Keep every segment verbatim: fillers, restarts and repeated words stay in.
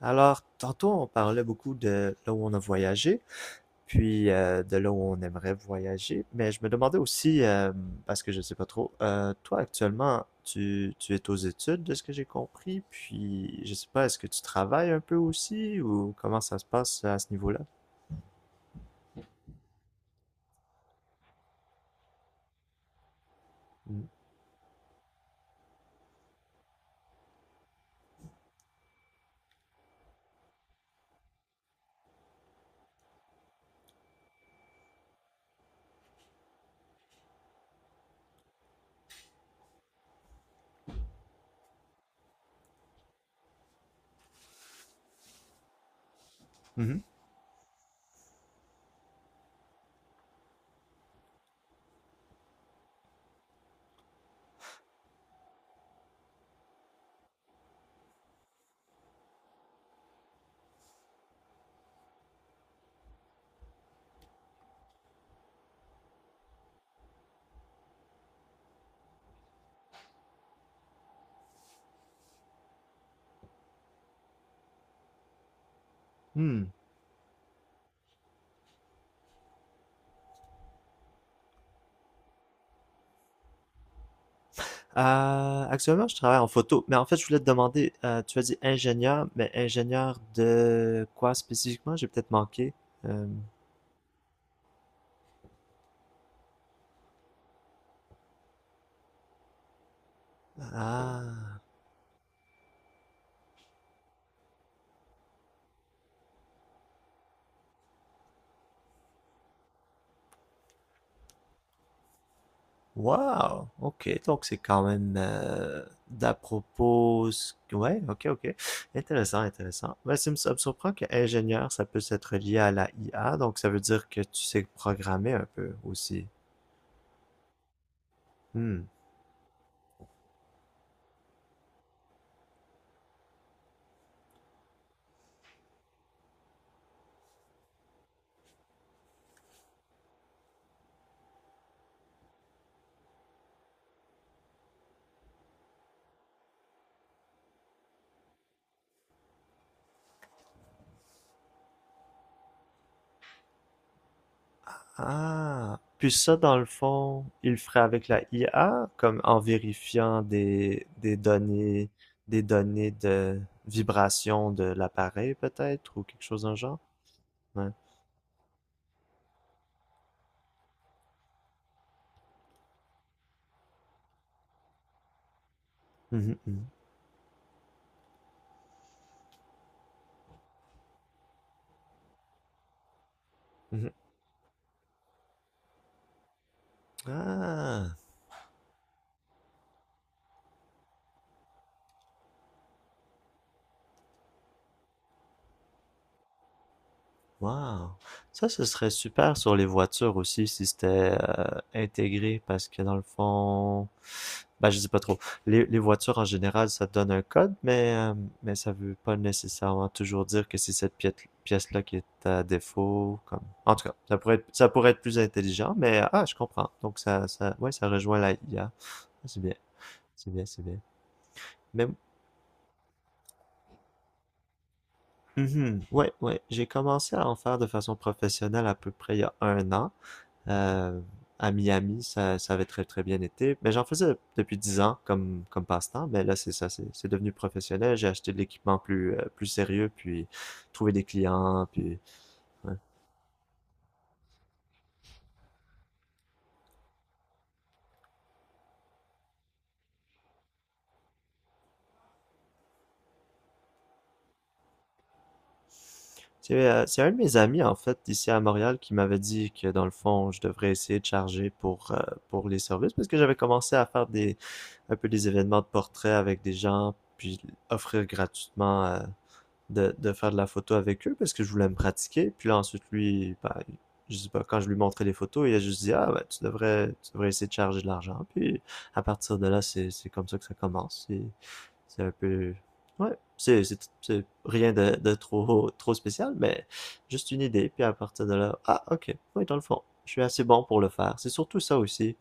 Alors, tantôt, on parlait beaucoup de là où on a voyagé, puis euh, de là où on aimerait voyager, mais je me demandais aussi, euh, parce que je ne sais pas trop, euh, toi actuellement, tu, tu es aux études, de ce que j'ai compris, puis je sais pas, est-ce que tu travailles un peu aussi, ou comment ça se passe à ce niveau-là? Mm. Mhm. Hmm. Euh, actuellement, je travaille en photo, mais en fait, je voulais te demander, euh, tu as dit ingénieur, mais ingénieur de quoi spécifiquement? J'ai peut-être manqué. Euh, ah. Wow, OK, donc c'est quand même euh, d'à propos... Ouais, OK, OK. Intéressant, intéressant. Mais ça me ça me surprend que ingénieur, ça puisse être lié à la I A, donc ça veut dire que tu sais programmer un peu aussi. Hmm. Ah! Puis ça, dans le fond, il le ferait avec la I A, comme en vérifiant des, des données, des données de vibration de l'appareil, peut-être, ou quelque chose dans le genre? Ouais. Mhm, mhm, mhm. Ah! Wow, ça, ce serait super sur les voitures aussi si c'était euh, intégré parce que dans le fond, ben, je sais pas trop. Les, les voitures en général, ça donne un code, mais, euh, mais ça veut pas nécessairement toujours dire que c'est cette pièce, pièce-là qui est à défaut. Comme... En tout cas, ça pourrait être, ça pourrait être plus intelligent, mais ah, je comprends. Donc, ça, ça, ouais, ça rejoint la I A. C'est bien, c'est bien, c'est bien. Mais, mhm, ouais, ouais, j'ai commencé à en faire de façon professionnelle à peu près il y a un an. Euh, à Miami, ça, ça avait très très bien été. Mais j'en faisais depuis dix ans comme, comme passe-temps. Mais là, c'est ça, c'est c'est devenu professionnel. J'ai acheté de l'équipement plus, euh, plus sérieux, puis trouvé des clients, puis... ouais. C'est euh, c'est un de mes amis, en fait, ici à Montréal, qui m'avait dit que, dans le fond, je devrais essayer de charger pour, euh, pour les services, parce que j'avais commencé à faire des, un peu des événements de portrait avec des gens, puis offrir gratuitement euh, de, de faire de la photo avec eux parce que je voulais me pratiquer. Puis là, ensuite, lui, ben, je sais pas, quand je lui montrais les photos, il a juste dit, ah, ben, tu devrais, tu devrais essayer de charger de l'argent. Puis à partir de là, c'est, c'est comme ça que ça commence. C'est, c'est un peu, ouais, c'est, c'est, c'est rien de, de trop, trop spécial, mais juste une idée. Puis à partir de là, ah, ok, oui, dans le fond, je suis assez bon pour le faire. C'est surtout ça aussi.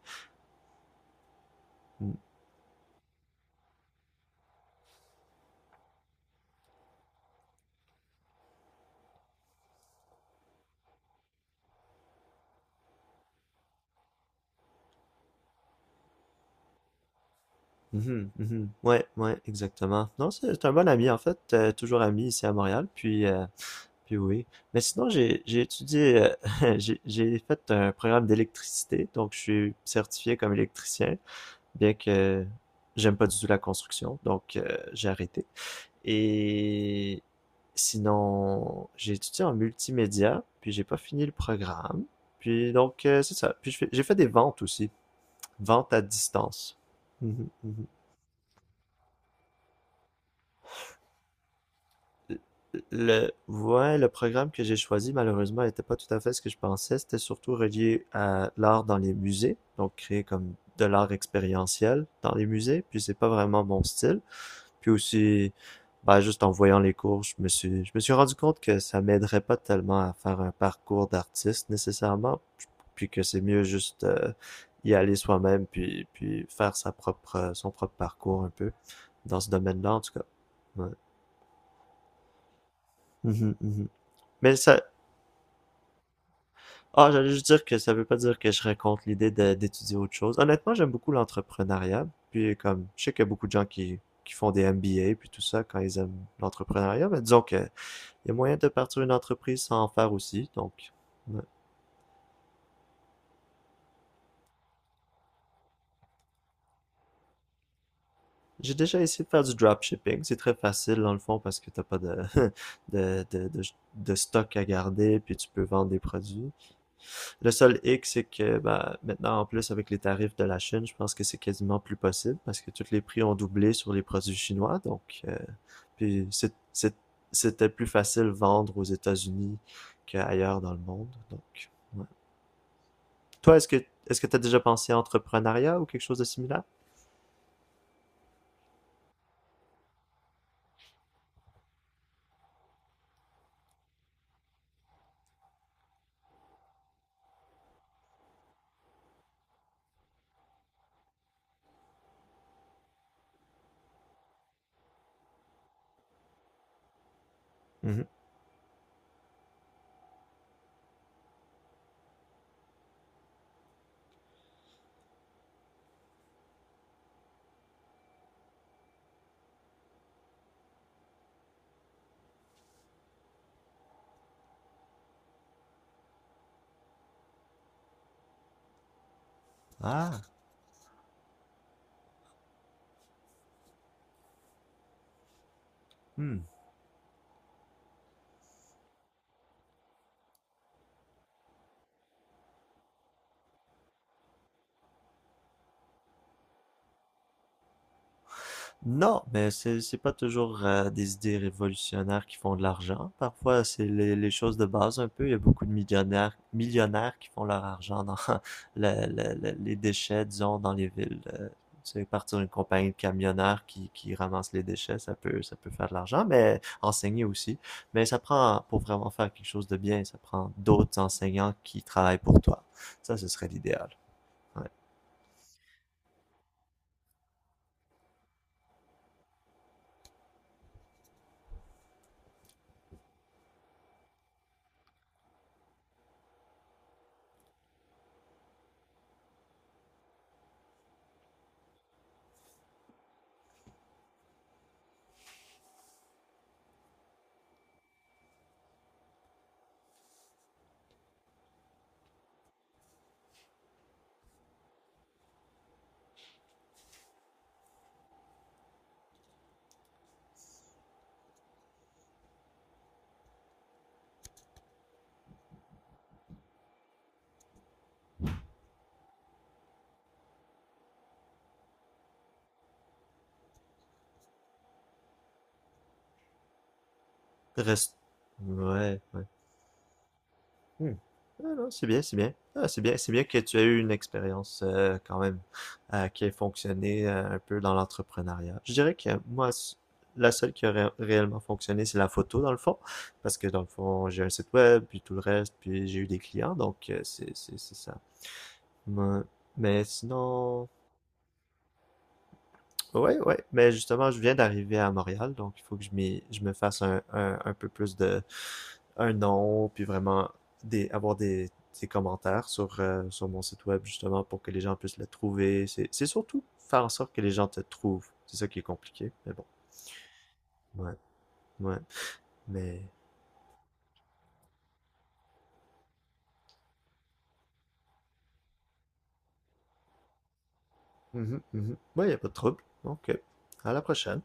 Mhm, mhm. Ouais, ouais, exactement. Non, c'est un bon ami en fait, euh, toujours ami ici à Montréal. Puis euh, puis oui. Mais sinon, j'ai j'ai étudié, euh, j'ai j'ai fait un programme d'électricité, donc je suis certifié comme électricien, bien que j'aime pas du tout la construction, donc euh, j'ai arrêté. Et sinon, j'ai étudié en multimédia, puis j'ai pas fini le programme. Puis donc, euh, c'est ça. Puis je fais- j'ai fait des ventes aussi, ventes à distance. Mhm, mhm. Le ouais, le programme que j'ai choisi, malheureusement, n'était pas tout à fait ce que je pensais. C'était surtout relié à l'art dans les musées, donc créer comme de l'art expérientiel dans les musées, puis c'est pas vraiment mon style. Puis aussi, bah, juste en voyant les cours, je me suis, je me suis rendu compte que ça m'aiderait pas tellement à faire un parcours d'artiste nécessairement, puis que c'est mieux juste euh, y aller soi-même, puis, puis faire sa propre, son propre parcours un peu dans ce domaine-là, en tout cas. Ouais. Mhm, mhm. Mais ça, ah, j'allais juste dire que ça veut pas dire que je raconte l'idée de- d'étudier autre chose. Honnêtement, j'aime beaucoup l'entrepreneuriat. Puis comme, je sais qu'il y a beaucoup de gens qui, qui font des M B A puis tout ça quand ils aiment l'entrepreneuriat, mais disons que il y a moyen de partir une entreprise sans en faire aussi. Donc, ouais. J'ai déjà essayé de faire du dropshipping. C'est très facile dans le fond parce que t'as pas de, de, de, de, de stock à garder puis tu peux vendre des produits. Le seul hic, c'est que bah, maintenant, en plus, avec les tarifs de la Chine, je pense que c'est quasiment plus possible parce que tous les prix ont doublé sur les produits chinois. Donc, euh, puis c'est- c'est- c'était plus facile vendre aux États-Unis qu'ailleurs dans le monde. Donc, ouais. Toi, est-ce que est-ce que tu as déjà pensé à entrepreneuriat ou quelque chose de similaire? Mhm. Ah, hmm. Non, mais c'est c'est pas toujours euh, des idées révolutionnaires qui font de l'argent. Parfois, c'est les, les choses de base un peu. Il y a beaucoup de millionnaires millionnaires qui font leur argent dans le- le- le- les déchets, disons, dans les villes. Euh, tu sais, partir d'une compagnie de camionneurs qui, qui ramasse les déchets, ça peut ça peut faire de l'argent, mais enseigner aussi. Mais ça prend pour vraiment faire quelque chose de bien, ça prend d'autres enseignants qui travaillent pour toi. Ça, ce serait l'idéal. Ouais. Reste. Ouais, ouais. Hmm. Ah non, c'est bien, c'est bien. Ah, c'est bien, c'est bien que tu aies eu une expérience euh, quand même euh, qui ait fonctionné euh, un peu dans l'entrepreneuriat. Je dirais que moi, s- la seule qui a ré- réellement fonctionné, c'est la photo dans le fond, parce que dans le fond, j'ai un site web, puis tout le reste, puis j'ai eu des clients, donc euh, c'est c'est c'est ça. Moi- Mais sinon, ouais, ouais, mais justement, je viens d'arriver à Montréal, donc il faut que je m'y- je me fasse un, un, un peu plus de un nom, puis vraiment des, avoir des, des commentaires sur, euh, sur mon site web, justement, pour que les gens puissent le trouver. C'est c'est surtout faire en sorte que les gens te trouvent. C'est ça qui est compliqué, mais bon. Ouais, ouais, mais... Mhm, mhm. Ouais, y a pas de trouble. Donc, euh, à la prochaine.